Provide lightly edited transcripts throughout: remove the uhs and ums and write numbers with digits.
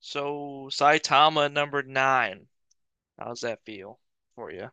So Saitama number nine. How's that feel for you?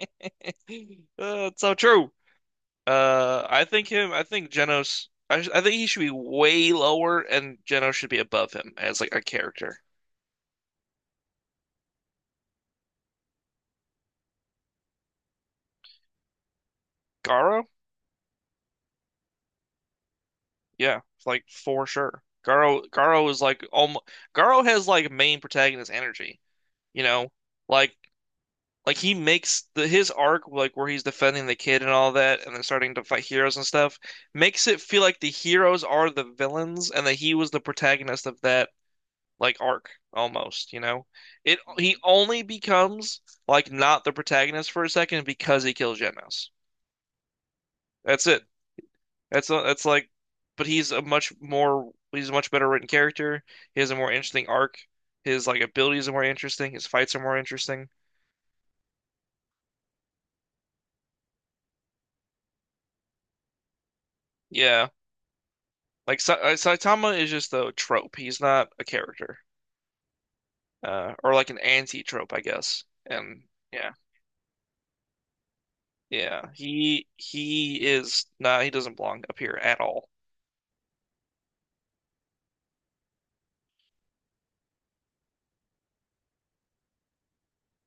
It's so true. I think him. I think Genos. I think he should be way lower, and Genos should be above him as like a character. Garo, yeah, like for sure. Garo is like almost. Garo has like main protagonist energy. You know, like Like he makes the his arc, like where he's defending the kid and all that, and then starting to fight heroes and stuff, makes it feel like the heroes are the villains and that he was the protagonist of that like arc almost, you know? It he only becomes like not the protagonist for a second because he kills Genos. That's it. That's like, but he's a much better written character. He has a more interesting arc. His like abilities are more interesting. His fights are more interesting. Yeah. Like Sa Saitama is just a trope. He's not a character, or like an anti-trope, I guess. And yeah, yeah, he is not. He doesn't belong up here at all.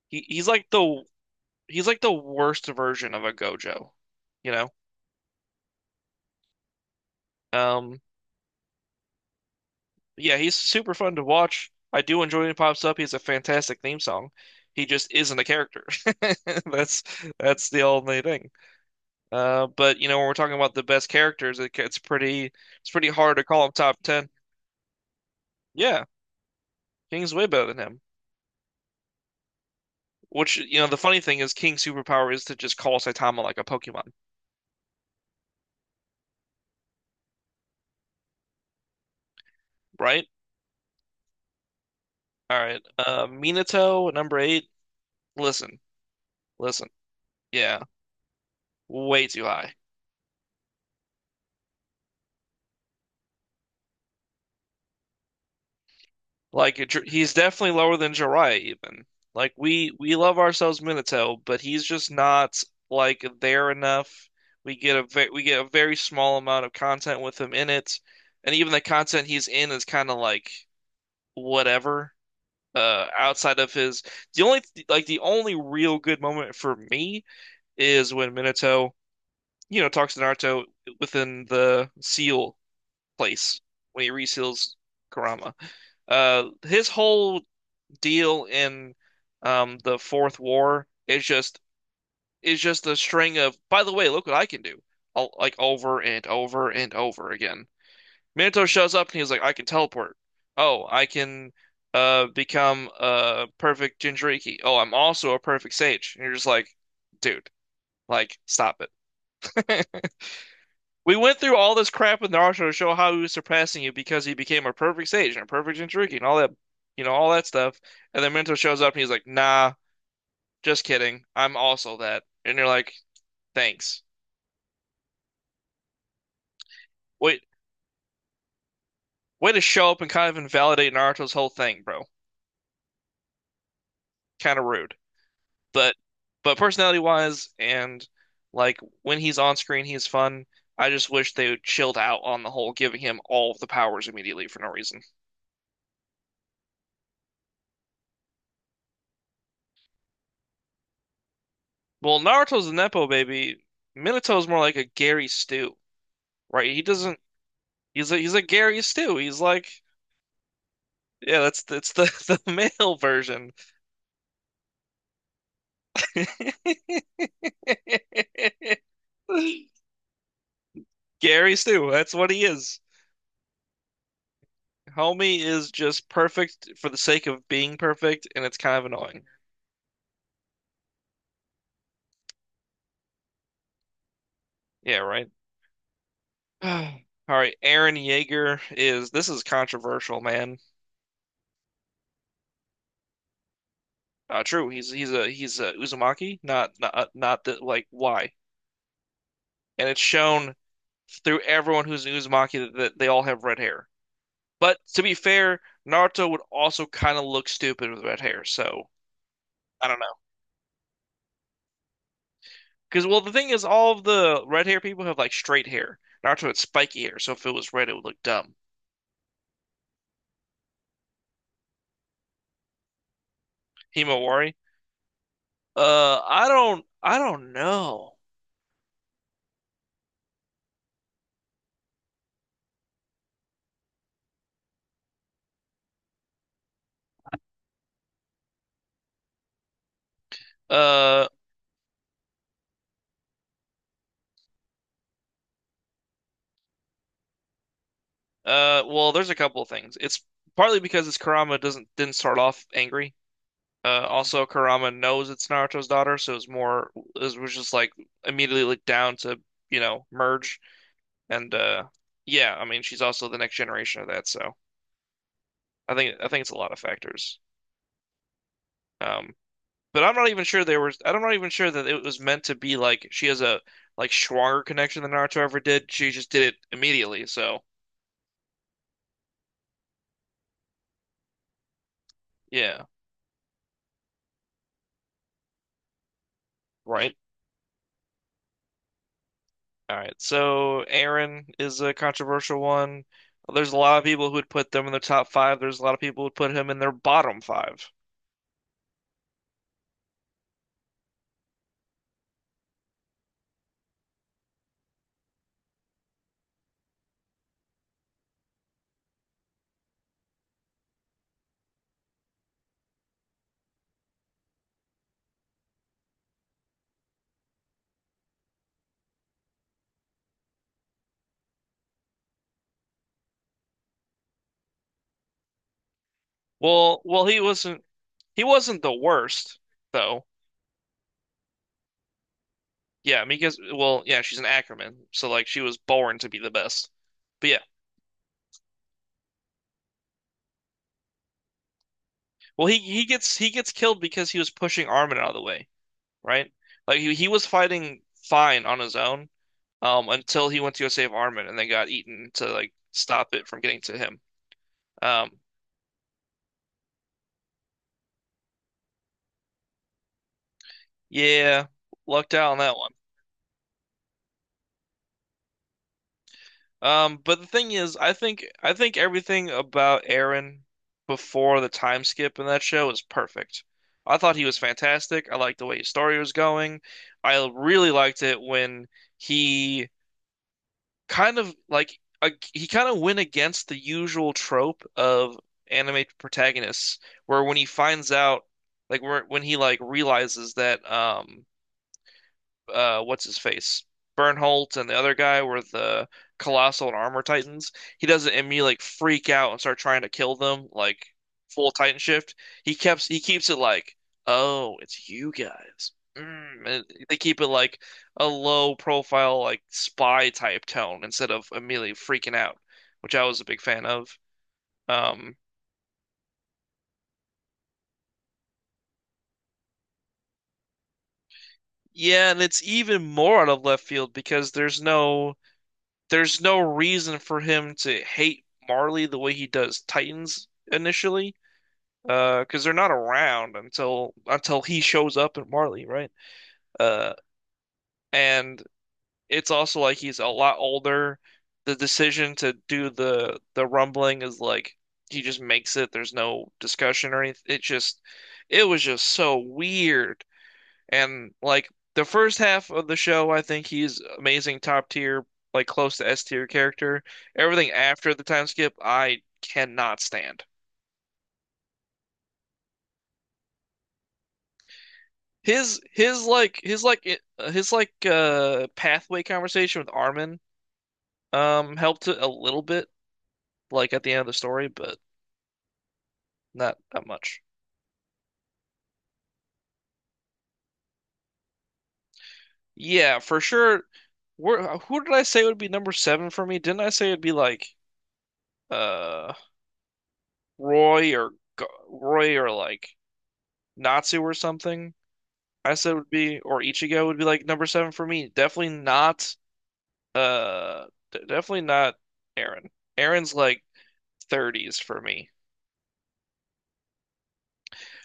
He's like the worst version of a Gojo, you know. Um, yeah, he's super fun to watch. I do enjoy when he pops up. He has a fantastic theme song. He just isn't a character. That's that's the only thing. But when we're talking about the best characters, it's pretty hard to call him top ten. Yeah, King's way better than him. Which the funny thing is, King's superpower is to just call Saitama like a Pokemon, right? All right, Minato at number eight. Listen, listen. Yeah, way too high. Like he's definitely lower than Jiraiya even. Like we love ourselves Minato, but he's just not like there enough. We get a very small amount of content with him in it, and even the content he's in is kind of like whatever. Outside of his, the only the only real good moment for me is when Minato, talks to Naruto within the seal place when he reseals Kurama. His whole deal in the Fourth War is just a string of, by the way, look what I can do, all, like over and over and over again. Minato shows up and he's like, I can teleport. Oh, I can become a perfect Jinchuriki. Oh, I'm also a perfect sage. And you're just like, dude, like stop it. We went through all this crap with Naruto to show how he was surpassing you because he became a perfect sage and a perfect Jinchuriki and all that, you know, all that stuff. And then Minato shows up and he's like, nah. Just kidding. I'm also that. And you're like, thanks. Wait, way to show up and kind of invalidate Naruto's whole thing, bro. Kind of rude. But but personality wise and like when he's on screen, he's fun. I just wish they would chilled out on the whole, giving him all of the powers immediately for no reason. Well, Naruto's a nepo baby. Minato's more like a Gary Stew, right? He doesn't. He's a Gary Stew. He's like, yeah, that's the the male version. Gary Stu, that's what he is. Homie is just perfect for the sake of being perfect, and it's kind of annoying. Yeah, right. All right, Aaron Yeager is this is controversial, man. True, he's a Uzumaki, not not that like why? And it's shown through everyone who's an Uzumaki that they all have red hair. But to be fair, Naruto would also kind of look stupid with red hair, so I don't. Because well, the thing is, all of the red hair people have like straight hair. Naruto had spiky hair, so if it was red, it would look dumb. Himawari. I don't know. Uh, well, there's a couple of things. It's partly because it's Kurama doesn't didn't start off angry. Also Kurama knows it's Naruto's daughter, so it was just like immediately looked down to, merge. And yeah, I mean, she's also the next generation of that, so I think it's a lot of factors. Um, But I'm not even sure there was. I'm not even sure that it was meant to be like she has a like stronger connection than Naruto ever did. She just did it immediately. So yeah, right. All right. So Aaron is a controversial one. There's a lot of people who would put them in the top five. There's a lot of people who would put him in their bottom five. Well, well, he wasn't. He wasn't the worst though. Yeah, Mika's. Well, yeah, she's an Ackerman, so like she was born to be the best. But yeah, well, he gets killed because he was pushing Armin out of the way. Right? Like he was fighting fine on his own until he went to go save Armin and then got eaten to like stop it from getting to him. Um, yeah, lucked out on that one. But the thing is, I think everything about Aaron before the time skip in that show is perfect. I thought he was fantastic. I liked the way his story was going. I really liked it when he he kind of went against the usual trope of anime protagonists, where when he finds out, when he like realizes that what's his face? Bernholt and the other guy were the Colossal and Armor Titans. He doesn't immediately like freak out and start trying to kill them like full Titan shift. He keeps it like, oh, it's you guys. Mm. And they keep it like a low profile like spy type tone instead of immediately freaking out, which I was a big fan of. Um, yeah, and it's even more out of left field because there's no reason for him to hate Marley the way he does Titans initially, because they're not around until he shows up at Marley, right? Uh, and it's also like he's a lot older. The decision to do the rumbling is like he just makes it. There's no discussion or anything. It was just so weird. And like the first half of the show, I think he's amazing, top tier, like close to S tier character. Everything after the time skip, I cannot stand. His his like his like it- his like pathway conversation with Armin helped it a little bit like at the end of the story, but not that much. Yeah, for sure. Who did I say would be number seven for me? Didn't I say it'd be like uh Roy or Roy or like Natsu or something? I said would be, or Ichigo would be like number seven for me. Uh, definitely not Aaron. Aaron's like 30s for me.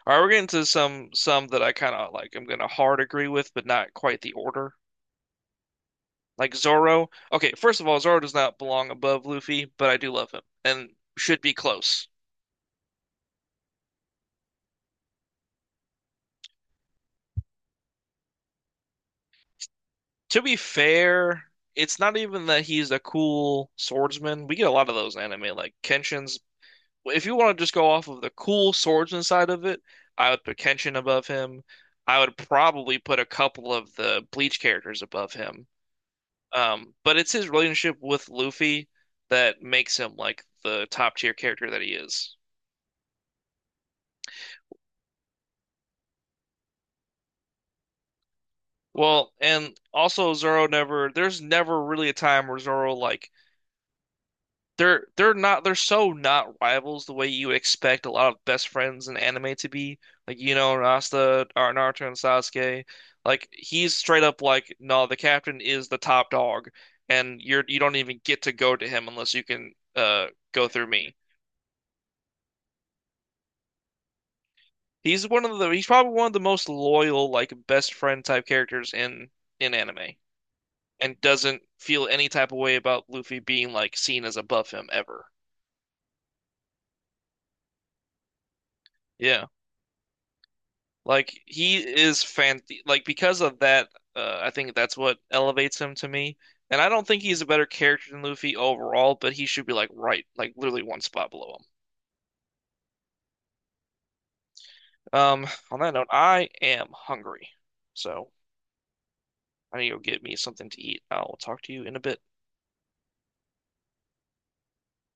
All right, we're getting to some that I kind of like. I'm gonna hard agree with, but not quite the order. Like Zoro. Okay, first of all, Zoro does not belong above Luffy, but I do love him and should be close. To be fair, it's not even that he's a cool swordsman. We get a lot of those in anime, like Kenshin's. Well, if you want to just go off of the cool swordsman side of it, I would put Kenshin above him. I would probably put a couple of the Bleach characters above him. But it's his relationship with Luffy that makes him like the top tier character that he is. Well, and also Zoro never, there's never really a time where Zoro like they're so not rivals the way you would expect a lot of best friends in anime to be. Like Yuno and Asta or Naruto and Sasuke. Like he's straight up like, no, the captain is the top dog and you don't even get to go to him unless you can go through me. He's probably one of the most loyal, like best friend type characters in anime and doesn't feel any type of way about Luffy being like seen as above him ever. Yeah. Like he is fan Like because of that, I think that's what elevates him to me. And I don't think he's a better character than Luffy overall, but he should be like right, like literally one spot below him. On that note, I am hungry, so I need to go get me something to eat. I'll talk to you in a bit.